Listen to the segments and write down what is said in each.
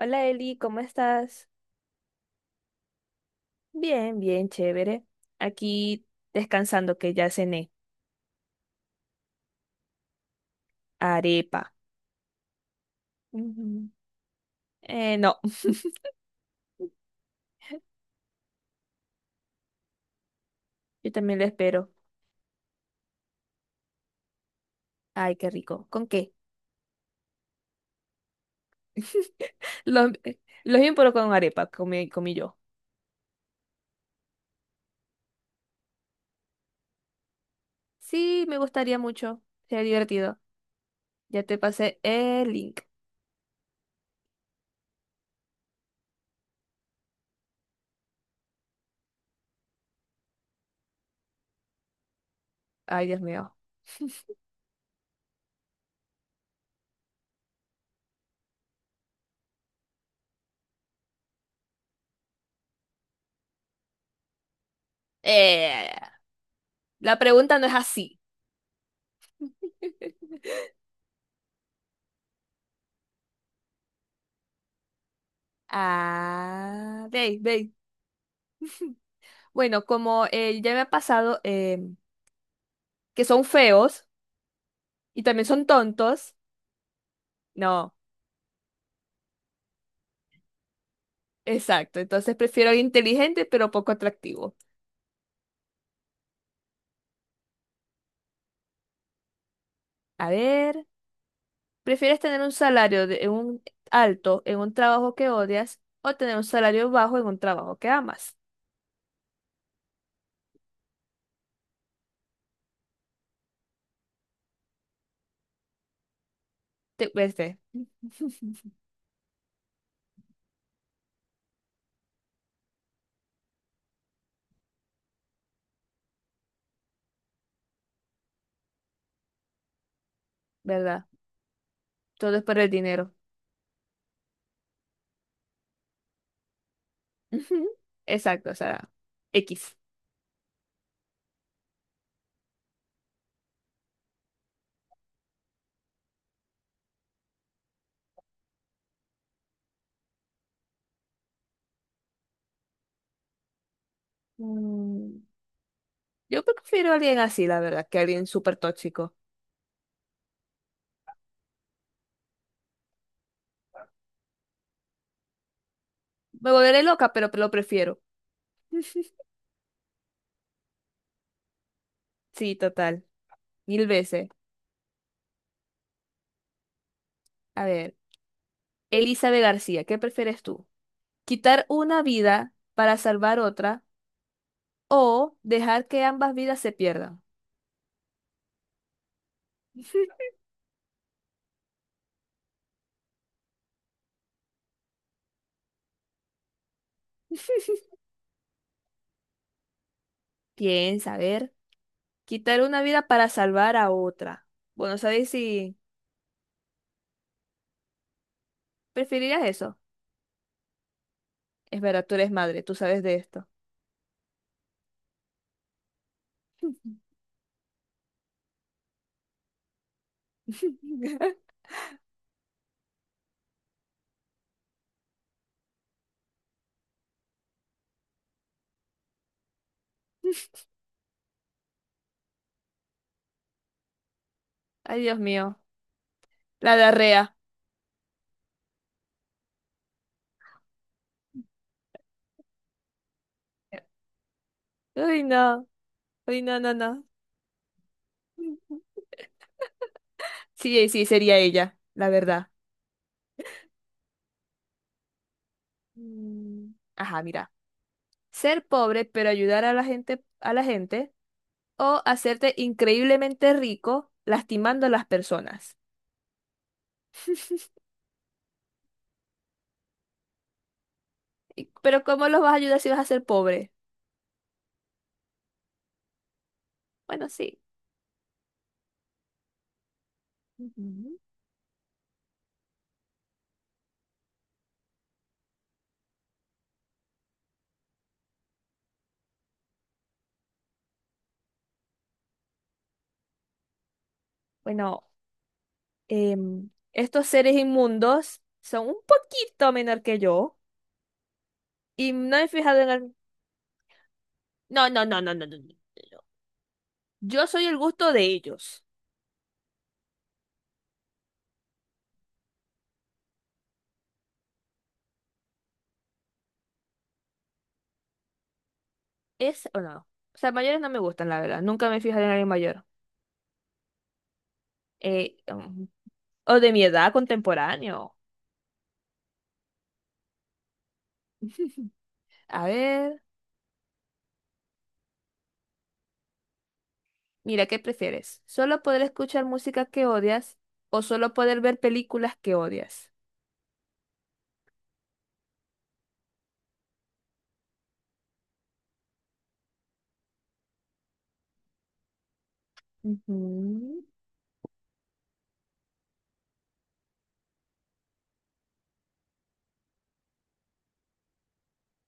Hola Eli, ¿cómo estás? Bien, bien, chévere. Aquí descansando que ya cené. Arepa. Ujú. No, yo también lo espero. Ay, qué rico. ¿Con qué? Los, los bien, pero con arepa, comí, comí yo. Sí, me gustaría mucho. Sería divertido. Ya te pasé el link. Ay, Dios mío. Eh, la pregunta no es así. Ah, ve, ve. Bueno, como ya me ha pasado, que son feos y también son tontos. No, exacto. Entonces prefiero alguien inteligente pero poco atractivo. A ver, ¿prefieres tener un salario de, un alto en un trabajo que odias o tener un salario bajo en un trabajo que amas? Te, vete, ¿verdad? Todo es por el dinero. Ujú. Exacto, o sea, X. Mm, yo prefiero a alguien así, la verdad, que a alguien súper tóxico. Me volveré loca, pero lo prefiero. Sí, total. Mil veces. A ver. Elizabeth García, ¿qué prefieres tú? ¿Quitar una vida para salvar otra o dejar que ambas vidas se pierdan? Piensa, a ver, quitar una vida para salvar a otra. Bueno, ¿sabes si preferirías eso? Es verdad, tú eres madre, tú sabes de esto. Ay, Dios mío, la diarrea. Ay, no, ay, no, no, no. Sí, sí, sería ella, la verdad. Mm, ajá, mira. Ser pobre, pero ayudar a la gente, o hacerte increíblemente rico lastimando a las personas. Y pero ¿cómo los vas a ayudar si vas a ser pobre? Bueno, sí. Ujú. Bueno, estos seres inmundos son un poquito menor que yo y no he fijado en el... No, no, no, no, no, no, no, no. Yo soy el gusto de ellos. ¿Es o no? O sea, mayores no me gustan, la verdad. Nunca me he fijado en alguien mayor. Eh, mm, o de mi edad contemporáneo. A ver. Mira, ¿qué prefieres? ¿Solo poder escuchar música que odias o solo poder ver películas que odias? Ujú.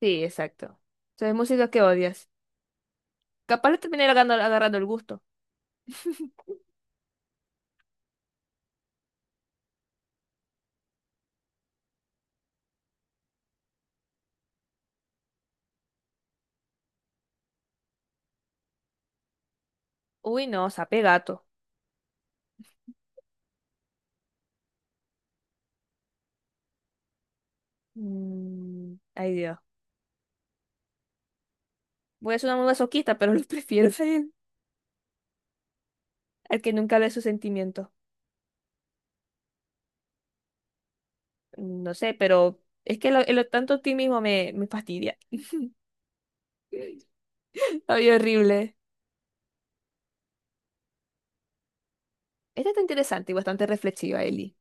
Sí, exacto. O sea, es música que odias. Capaz le terminé agarrando, agarrando el gusto. Uy, no, sape gato. Mm, ay, Dios. Voy a ser una muy masoquista, pero lo prefiero a él, al que nunca ve sus sentimientos. No sé, pero es que lo tanto optimismo me, me fastidia. Ay, horrible. Esta está interesante y bastante reflexiva, Eli.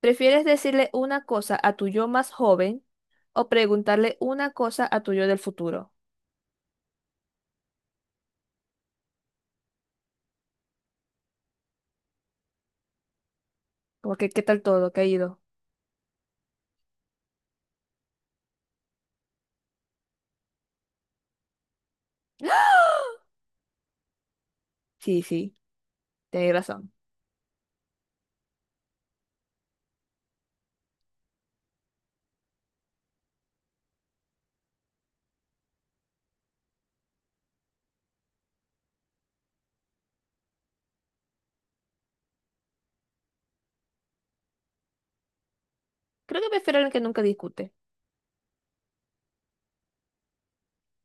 ¿Prefieres decirle una cosa a tu yo más joven o preguntarle una cosa a tu yo del futuro? ¿Como que qué tal todo? ¿Qué ha ido? Sí, sí, tenéis razón. Creo que prefiero a alguien que nunca discute.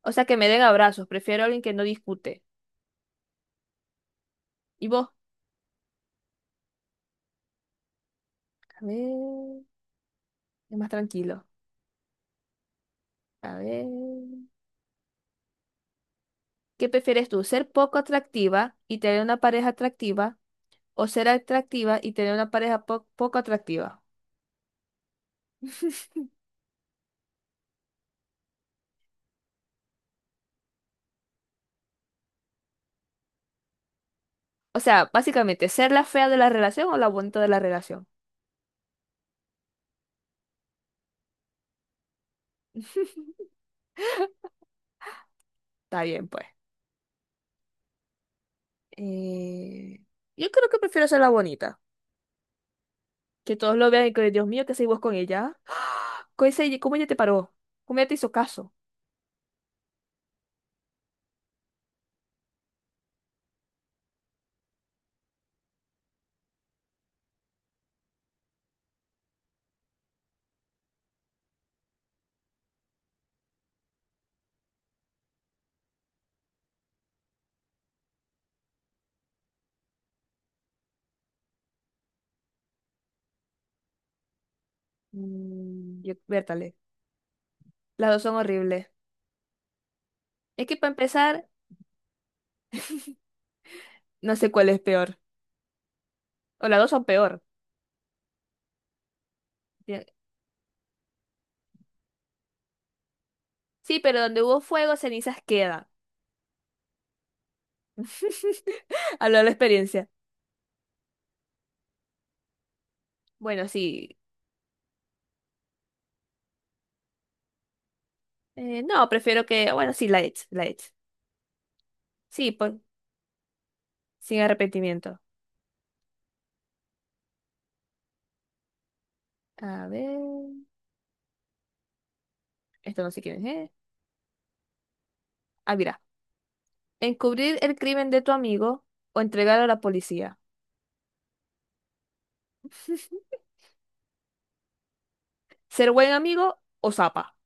O sea, que me den abrazos. Prefiero a alguien que no discute. ¿Y vos? A ver, es más tranquilo. A ver. ¿Qué prefieres tú? ¿Ser poco atractiva y tener una pareja atractiva? ¿O ser atractiva y tener una pareja po- poco atractiva? O sea, básicamente, ser la fea de la relación o la bonita de la relación. Está bien, pues. Eh, yo creo que prefiero ser la bonita. Que todos lo vean y que, Dios mío, ¿qué hacéis vos con ella? ¿Cómo ese cómo ella te paró? ¿Cómo ella te hizo caso? Mm, yo, vértale. Las dos son horribles. Es que para empezar, no sé cuál es peor. O las dos son peor. Bien. Sí, pero donde hubo fuego, cenizas quedan. Hablo de la experiencia. Bueno, sí. No, prefiero que. Bueno, sí, la ex, la ex. Sí, pues. Sin arrepentimiento. A ver, esto no sé quién es, ¿eh? Ah, mira. Encubrir el crimen de tu amigo o entregarlo a la policía. Ser buen amigo o zapa.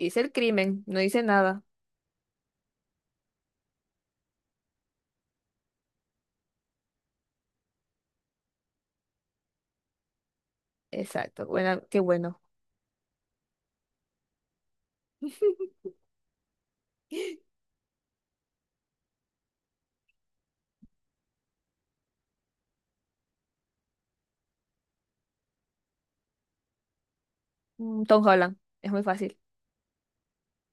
Dice el crimen, no dice nada. Exacto, buena, qué bueno. Mm, Tom Holland, es muy fácil.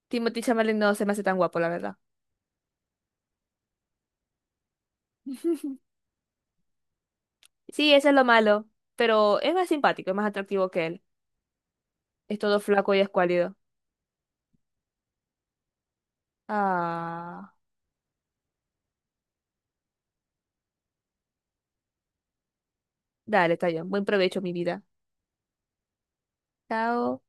Timothy Chalamet no se me hace tan guapo, la verdad. Sí, eso es lo malo, pero es más simpático, es más atractivo que él. Es todo flaco y escuálido. Ah, dale, está bien. Buen provecho, mi vida. Chao.